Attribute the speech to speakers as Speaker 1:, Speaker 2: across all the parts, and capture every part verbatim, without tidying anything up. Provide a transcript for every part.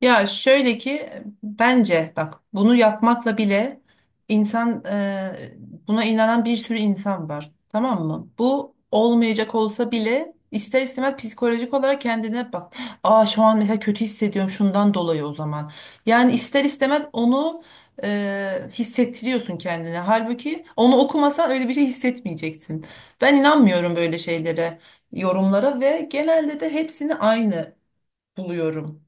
Speaker 1: Ya şöyle ki, bence bak, bunu yapmakla bile insan e, buna inanan bir sürü insan var. Tamam mı? Bu olmayacak olsa bile ister istemez psikolojik olarak kendine bak. Aa şu an mesela kötü hissediyorum şundan dolayı o zaman. Yani ister istemez onu e, hissettiriyorsun kendine. Halbuki onu okumasan öyle bir şey hissetmeyeceksin. Ben inanmıyorum böyle şeylere, yorumlara ve genelde de hepsini aynı buluyorum.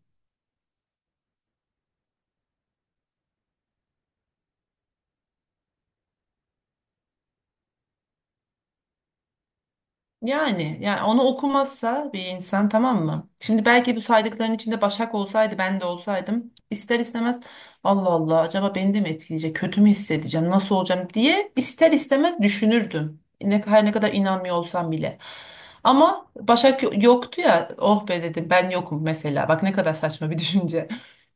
Speaker 1: Yani, yani onu okumazsa bir insan, tamam mı? Şimdi belki bu saydıkların içinde Başak olsaydı ben de olsaydım ister istemez Allah Allah acaba beni de mi etkileyecek, kötü mü hissedeceğim, nasıl olacağım diye ister istemez düşünürdüm. Ne, her ne kadar inanmıyor olsam bile. Ama Başak yo- yoktu ya, oh be dedim, ben yokum mesela, bak ne kadar saçma bir düşünce.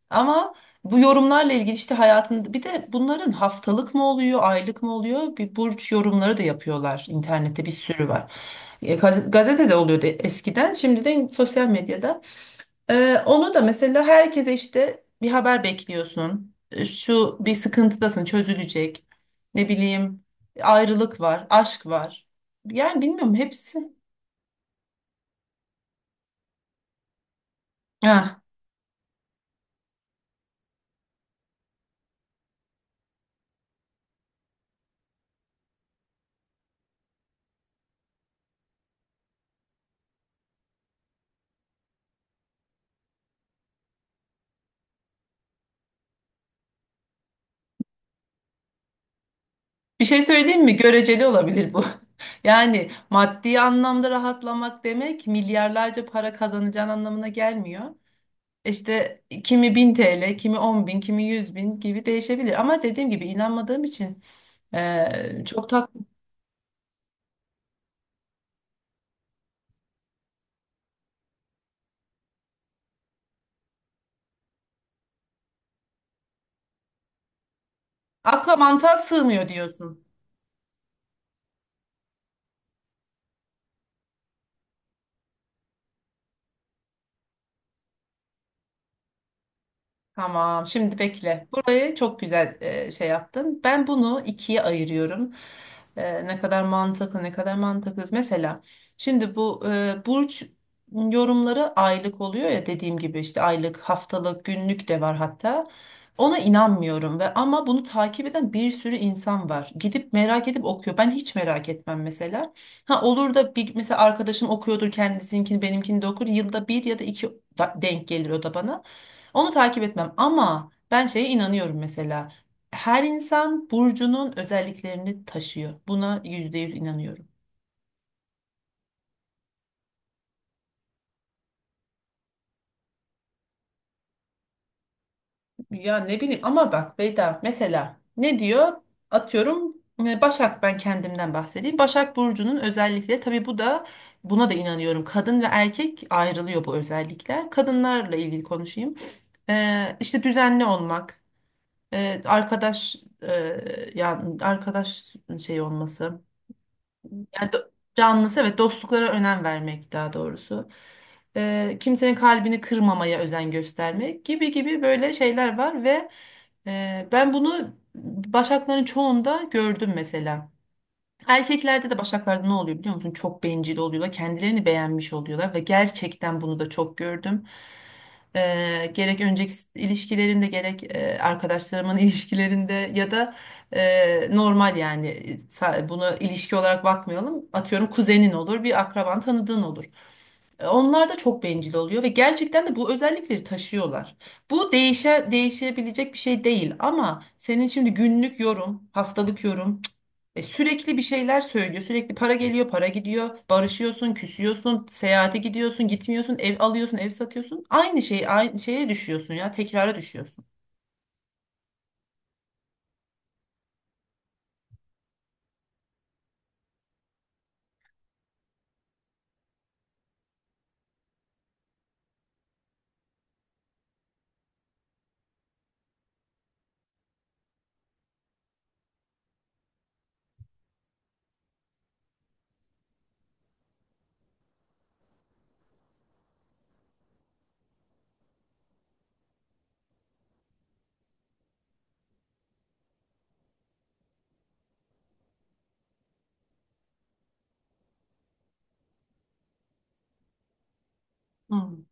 Speaker 1: Ama bu yorumlarla ilgili işte hayatında bir de bunların haftalık mı oluyor, aylık mı oluyor? Bir burç yorumları da yapıyorlar. İnternette bir sürü var. E, gaz- Gazetede oluyordu eskiden, şimdi de sosyal medyada. E, onu da mesela herkese işte bir haber bekliyorsun. E, Şu, bir sıkıntıdasın, çözülecek. Ne bileyim, ayrılık var, aşk var. Yani bilmiyorum hepsi. Ah. Bir şey söyleyeyim mi? Göreceli olabilir bu. Yani maddi anlamda rahatlamak demek milyarlarca para kazanacağın anlamına gelmiyor. İşte kimi bin T L, kimi on bin, kimi yüz bin gibi değişebilir. Ama dediğim gibi inanmadığım için eee, çok tak akla mantığa sığmıyor diyorsun. Tamam, şimdi bekle. Burayı çok güzel e, şey yaptın. Ben bunu ikiye ayırıyorum. E, ne kadar mantıklı, ne kadar mantıksız. Mesela şimdi bu e, burç yorumları aylık oluyor ya, dediğim gibi işte aylık, haftalık, günlük de var hatta. Ona inanmıyorum ve ama bunu takip eden bir sürü insan var. Gidip merak edip okuyor. Ben hiç merak etmem mesela. Ha, olur da bir mesela arkadaşım okuyordur kendisinkini, benimkini de okur. Yılda bir ya da iki da- denk gelir o da bana. Onu takip etmem ama ben şeye inanıyorum mesela. Her insan burcunun özelliklerini taşıyor. Buna yüzde yüz inanıyorum. Ya ne bileyim ama bak Beyda mesela ne diyor? Atıyorum, e, Başak, ben kendimden bahsedeyim. Başak burcunun özellikleri, tabii bu da buna da inanıyorum. Kadın ve erkek ayrılıyor bu özellikler. Kadınlarla ilgili konuşayım. Ee, işte düzenli olmak, e, arkadaş e, yani arkadaş şey olması. Yani do- canlısı, evet, dostluklara önem vermek daha doğrusu. Ee, kimsenin kalbini kırmamaya özen göstermek gibi gibi böyle şeyler var ve e, ben bunu başakların çoğunda gördüm mesela. Erkeklerde de başaklarda ne oluyor biliyor musun? Çok bencil oluyorlar. Kendilerini beğenmiş oluyorlar ve gerçekten bunu da çok gördüm. Ee, gerek önceki s- ilişkilerimde, gerek e, arkadaşlarımın ilişkilerinde, ya da e, normal, yani e, sa- buna ilişki olarak bakmayalım. Atıyorum kuzenin olur, bir akraban, tanıdığın olur. E, Onlar da çok bencil oluyor ve gerçekten de bu özellikleri taşıyorlar. Bu değişe, değişebilecek bir şey değil, ama senin şimdi günlük yorum, haftalık yorum e, sürekli bir şeyler söylüyor. Sürekli para geliyor, para gidiyor. Barışıyorsun, küsüyorsun, seyahate gidiyorsun, gitmiyorsun, ev alıyorsun, ev satıyorsun. Aynı şey, aynı şeye düşüyorsun ya, tekrara düşüyorsun. Hmm.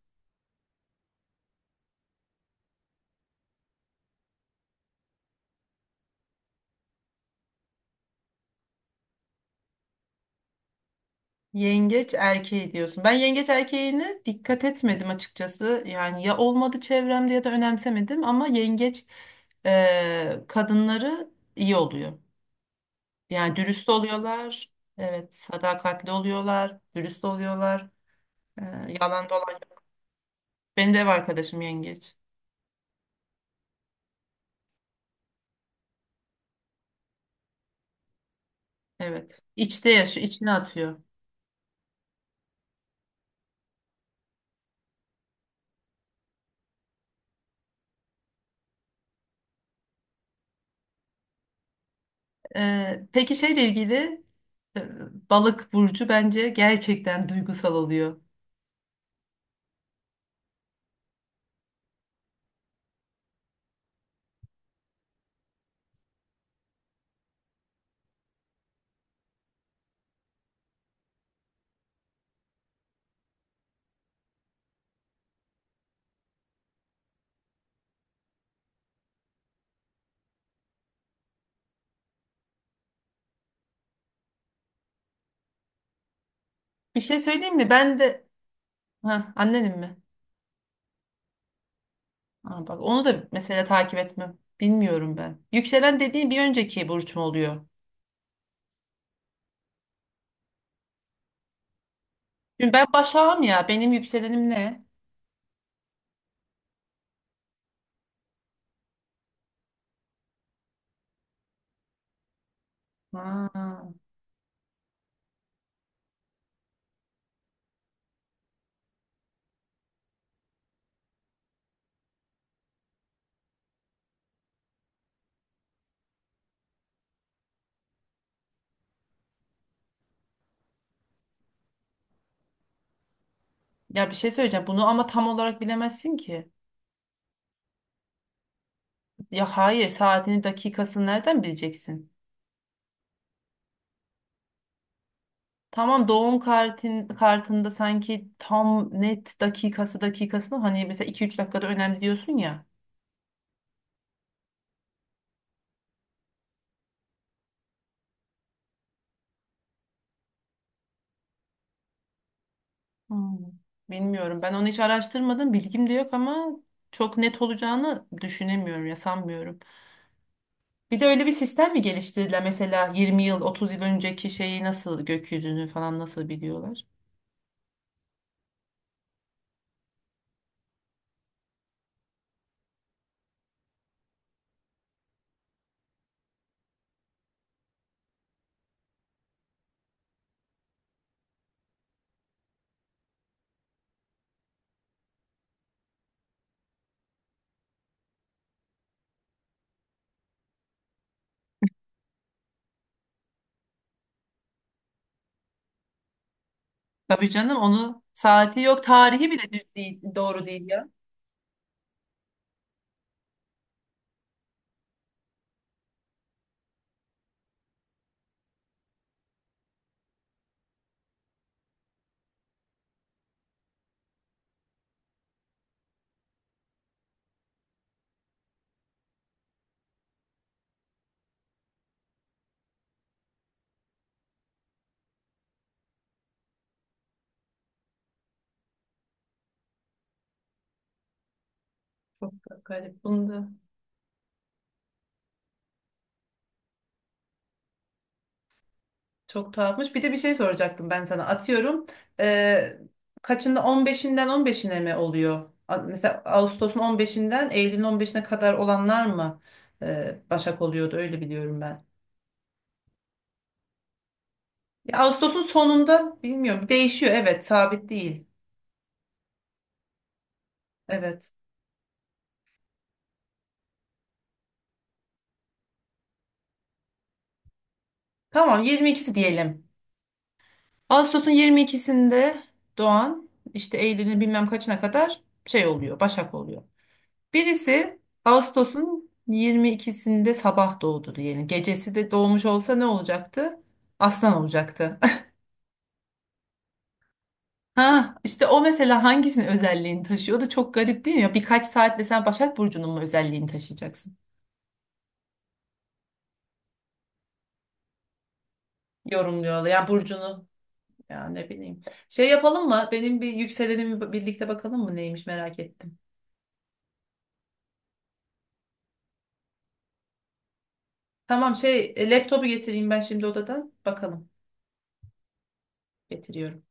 Speaker 1: Yengeç erkeği diyorsun. Ben yengeç erkeğine dikkat etmedim açıkçası. Yani ya olmadı çevremde, ya da önemsemedim, ama yengeç e, kadınları iyi oluyor. Yani dürüst oluyorlar. Evet, sadakatli oluyorlar, dürüst oluyorlar. E, yalan dolan. Benim de ev arkadaşım yengeç. Evet. İçte yaşıyor, içine atıyor. Ee, peki şeyle ilgili, e, balık burcu bence gerçekten duygusal oluyor. Bir şey söyleyeyim mi? Ben de, ha, annenim mi? Ha, bak onu da mesela takip etmem. Bilmiyorum ben. Yükselen dediğin bir önceki burç mu oluyor? Şimdi ben Başak'ım ya. Benim yükselenim ne? Ha. Ya bir şey söyleyeceğim. Bunu ama tam olarak bilemezsin ki. Ya hayır, saatini, dakikasını nereden bileceksin? Tamam, doğum kartın, kartında sanki tam net dakikası dakikasını, hani mesela iki üç dakikada önemli diyorsun ya. Hmm. Bilmiyorum, ben onu hiç araştırmadım, bilgim de yok ama çok net olacağını düşünemiyorum ya, sanmıyorum. Bir de öyle bir sistem mi geliştirdiler, mesela yirmi yıl otuz yıl önceki şeyi, nasıl gökyüzünü falan nasıl biliyorlar? Tabii canım, onu saati yok, tarihi bile düz değil, doğru değil ya. Çok garip bunu da. Çok tuhafmış. Bir de bir şey soracaktım ben sana. Atıyorum. eee, kaçında on beşinden on beşine mi oluyor? A- Mesela Ağustos'un on beşinden Eylül'ün on beşine kadar olanlar mı eee, Başak oluyordu? Öyle biliyorum ben. Ya Ağustos'un sonunda bilmiyorum. Değişiyor. Evet, sabit değil. Evet. Tamam, yirmi ikisi diyelim. Ağustos'un yirmi ikisinde doğan, işte Eylül'ün bilmem kaçına kadar şey oluyor. Başak oluyor. Birisi Ağustos'un yirmi ikisinde sabah doğdu diyelim. Gecesi de doğmuş olsa ne olacaktı? Aslan olacaktı. Ha, işte o mesela hangisinin özelliğini taşıyor? O da çok garip değil mi? Ya birkaç saatle sen Başak Burcu'nun mu özelliğini taşıyacaksın? Yorumluyorlar. Yani Burcu'nu. Ya ne bileyim. Şey yapalım mı? Benim bir yükselenimi birlikte bakalım mı? Neymiş, merak ettim. Tamam, şey, e, laptopu getireyim ben şimdi odadan. Bakalım. Getiriyorum.